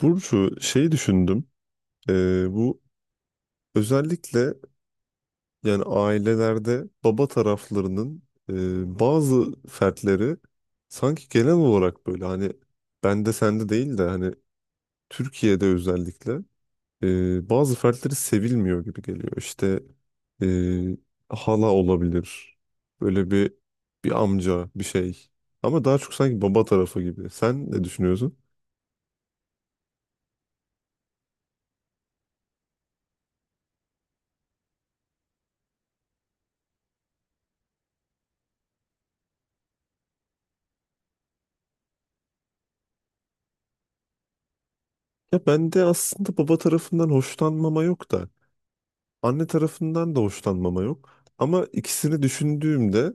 Burcu düşündüm. Bu özellikle yani ailelerde baba taraflarının bazı fertleri sanki genel olarak böyle hani bende sende değil de hani Türkiye'de özellikle bazı fertleri sevilmiyor gibi geliyor. İşte e, hala olabilir. Böyle bir amca bir şey. Ama daha çok sanki baba tarafı gibi. Sen ne düşünüyorsun? Ya ben de aslında baba tarafından hoşlanmama yok da. Anne tarafından da hoşlanmama yok. Ama ikisini düşündüğümde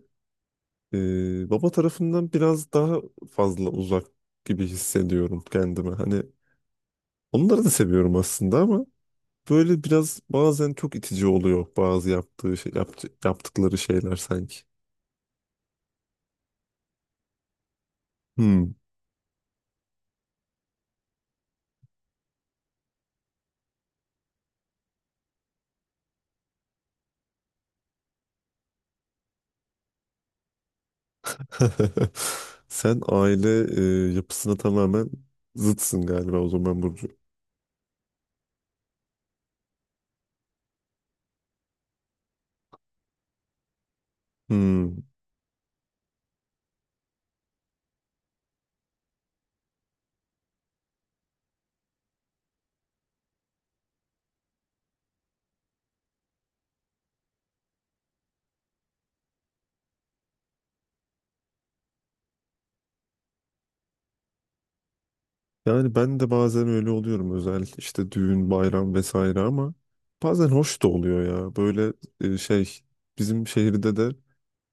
baba tarafından biraz daha fazla uzak gibi hissediyorum kendime. Hani onları da seviyorum aslında ama böyle biraz bazen çok itici oluyor bazı yaptığı şey, yaptıkları şeyler sanki. Hmm. Sen aile yapısına tamamen zıtsın galiba o zaman Burcu. Hmm. Yani ben de bazen öyle oluyorum özellikle işte düğün, bayram vesaire ama bazen hoş da oluyor ya. Böyle e, şey bizim şehirde de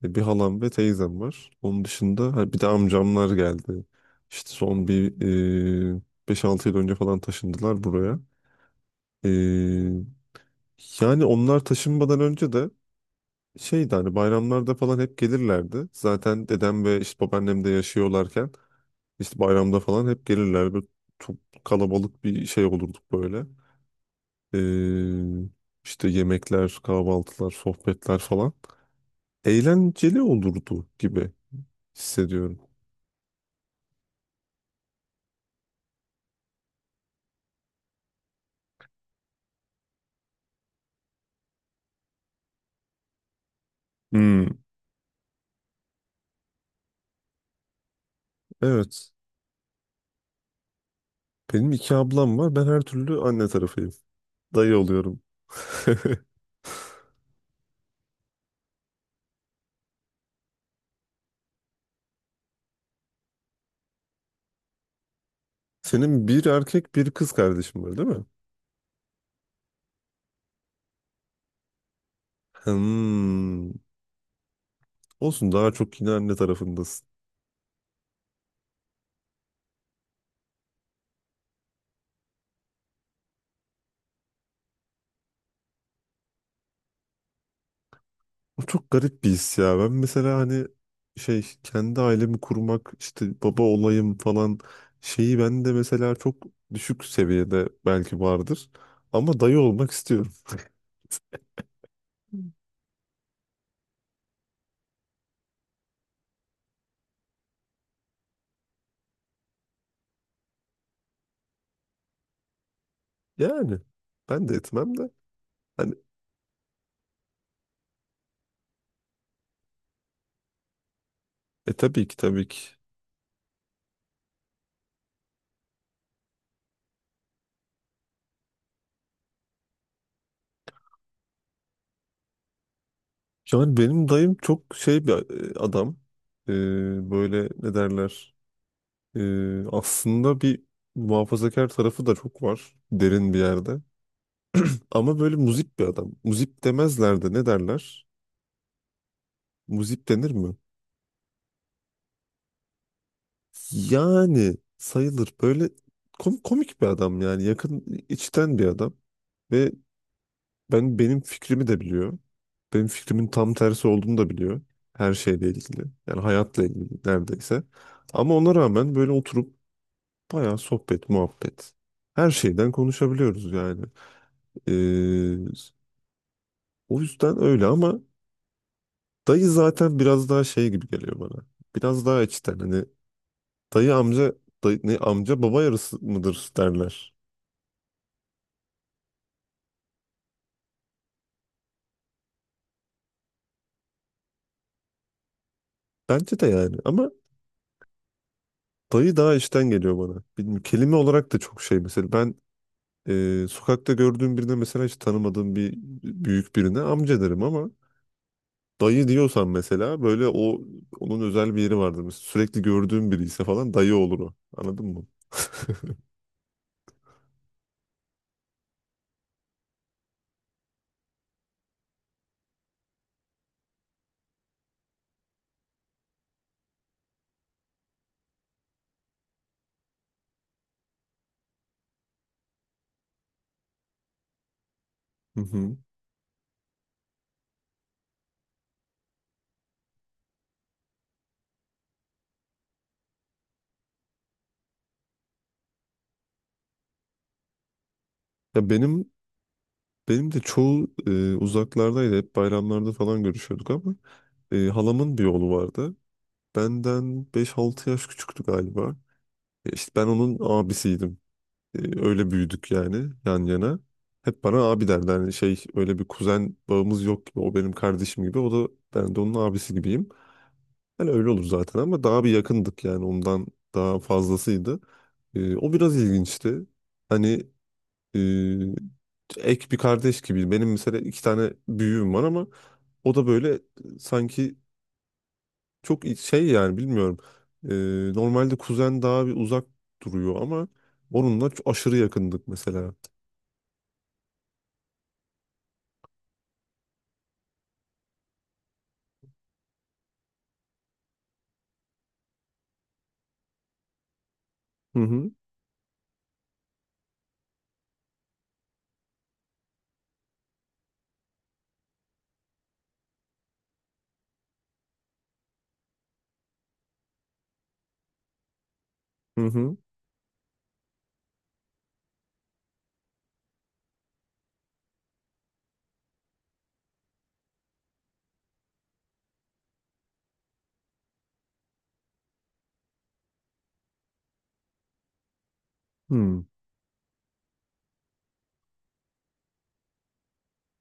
bir halam ve teyzem var. Onun dışında ha, bir de amcamlar geldi. İşte son bir e, 5-6 yıl önce falan taşındılar buraya. E, Yani onlar taşınmadan önce de şeydi hani bayramlarda falan hep gelirlerdi. Zaten dedem ve işte babaannem de yaşıyorlarken. İşte bayramda falan hep gelirler. Böyle çok kalabalık bir şey olurduk böyle. Ee, işte yemekler, kahvaltılar, sohbetler falan. Eğlenceli olurdu gibi hissediyorum. Hmm. Evet. Benim iki ablam var. Ben her türlü anne tarafıyım. Dayı oluyorum. Senin bir erkek bir kız kardeşin var değil mi? Hmm. Olsun daha çok yine anne tarafındasın. O çok garip bir his ya. Ben mesela hani kendi ailemi kurmak işte baba olayım falan şeyi ben de mesela çok düşük seviyede belki vardır. Ama dayı olmak istiyorum. Yani ben de etmem de. Hani e tabii ki tabii ki. Yani benim dayım çok şey bir adam. E, Böyle ne derler. E, Aslında bir muhafazakar tarafı da çok var. Derin bir yerde. Ama böyle muzip bir adam. Muzip demezler de ne derler? Muzip denir mi? Yani sayılır. Böyle komik bir adam yani. Yakın içten bir adam. Ve benim fikrimi de biliyor. Benim fikrimin tam tersi olduğunu da biliyor. Her şeyle ilgili. Yani hayatla ilgili neredeyse. Ama ona rağmen böyle oturup bayağı sohbet, muhabbet. Her şeyden konuşabiliyoruz yani. Ee, O yüzden öyle ama dayı zaten biraz daha şey gibi geliyor bana. Biraz daha içten. Hani dayı amca dayı, ne, amca baba yarısı mıdır derler. Bence de yani ama dayı daha işten geliyor bana. Bilmiyorum, kelime olarak da çok şey mesela ben sokakta gördüğüm birine mesela hiç tanımadığım bir büyük birine amca derim ama dayı diyorsan mesela böyle onun özel bir yeri vardır. Mesela sürekli gördüğüm biri ise falan dayı olur o. Anladın mı? Hı hı. Ya benim de çoğu uzaklardaydı. Hep bayramlarda falan görüşüyorduk ama halamın bir oğlu vardı. Benden beş altı yaş küçüktü galiba. İşte ben onun abisiydim. Öyle büyüdük yani yan yana. Hep bana abi derler. Yani şey öyle bir kuzen bağımız yok gibi. O benim kardeşim gibi. O da ben de onun abisi gibiyim. Yani öyle olur zaten ama daha bir yakındık yani ondan daha fazlasıydı. E, o biraz ilginçti. Hani e, ek bir kardeş gibi. Benim mesela iki tane büyüğüm var ama o da böyle sanki Çok i- şey yani bilmiyorum. Normalde kuzen daha bir uzak duruyor ama onunla çok aşırı yakındık mesela. Hı hı hı hı. Hı.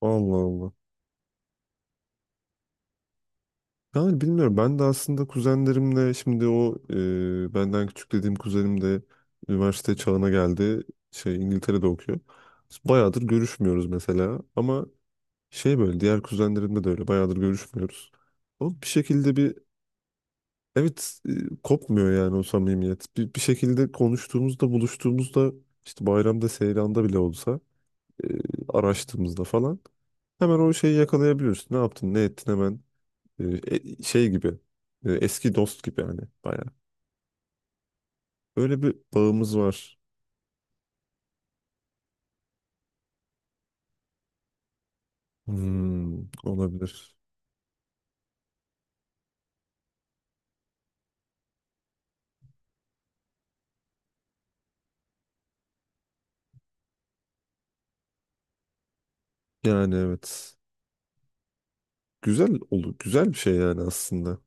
Allah Allah. Yani bilmiyorum ben de aslında kuzenlerimle şimdi o benden küçük dediğim kuzenim de üniversite çağına geldi. Şey İngiltere'de okuyor. Biz bayağıdır görüşmüyoruz mesela ama şey böyle diğer kuzenlerimle de öyle bayağıdır görüşmüyoruz. Ama bir şekilde bir evet kopmuyor yani o samimiyet. Bir şekilde konuştuğumuzda, buluştuğumuzda işte bayramda, seyranda bile olsa e, araştığımızda falan hemen o şeyi yakalayabiliyorsun. Ne yaptın, ne ettin hemen e, gibi eski dost gibi yani bayağı. Öyle bir bağımız var. Hmm, olabilir. Yani evet. Güzel olur. Güzel bir şey yani aslında.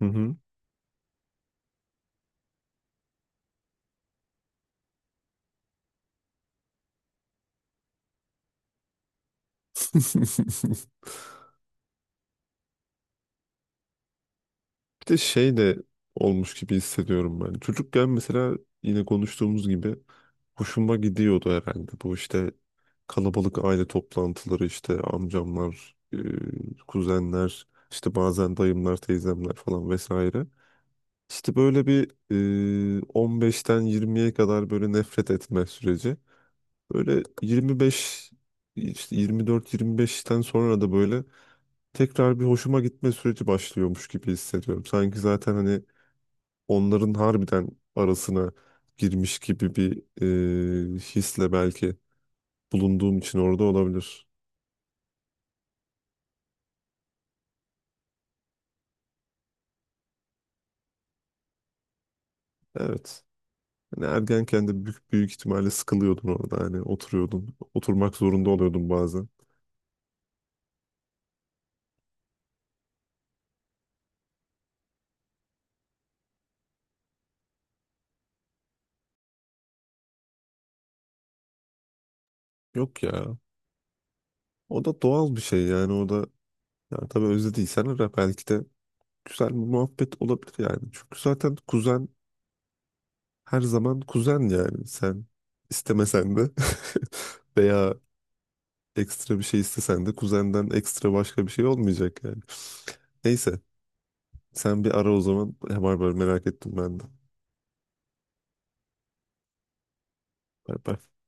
Hı hı. Bir de şey de olmuş gibi hissediyorum ben. Çocukken mesela yine konuştuğumuz gibi hoşuma gidiyordu herhalde. Bu işte kalabalık aile toplantıları işte amcamlar, kuzenler, işte bazen dayımlar, teyzemler falan vesaire. İşte böyle bir 15'ten 20'ye kadar böyle nefret etme süreci. Böyle 25 işte 24-25'ten sonra da böyle tekrar bir hoşuma gitme süreci başlıyormuş gibi hissediyorum. Sanki zaten hani onların harbiden arasına girmiş gibi bir hisle belki bulunduğum için orada olabilir. Evet. Hani ergenken de büyük, büyük ihtimalle sıkılıyordun orada hani oturuyordun. Oturmak zorunda oluyordun bazen. Yok ya. O da doğal bir şey yani o da yani tabii özlediysen ara belki de güzel bir muhabbet olabilir yani. Çünkü zaten kuzen her zaman kuzen yani sen istemesen de veya ekstra bir şey istesen de kuzenden ekstra başka bir şey olmayacak yani. Neyse sen bir ara o zaman. Var var merak ettim ben de. Bay bay.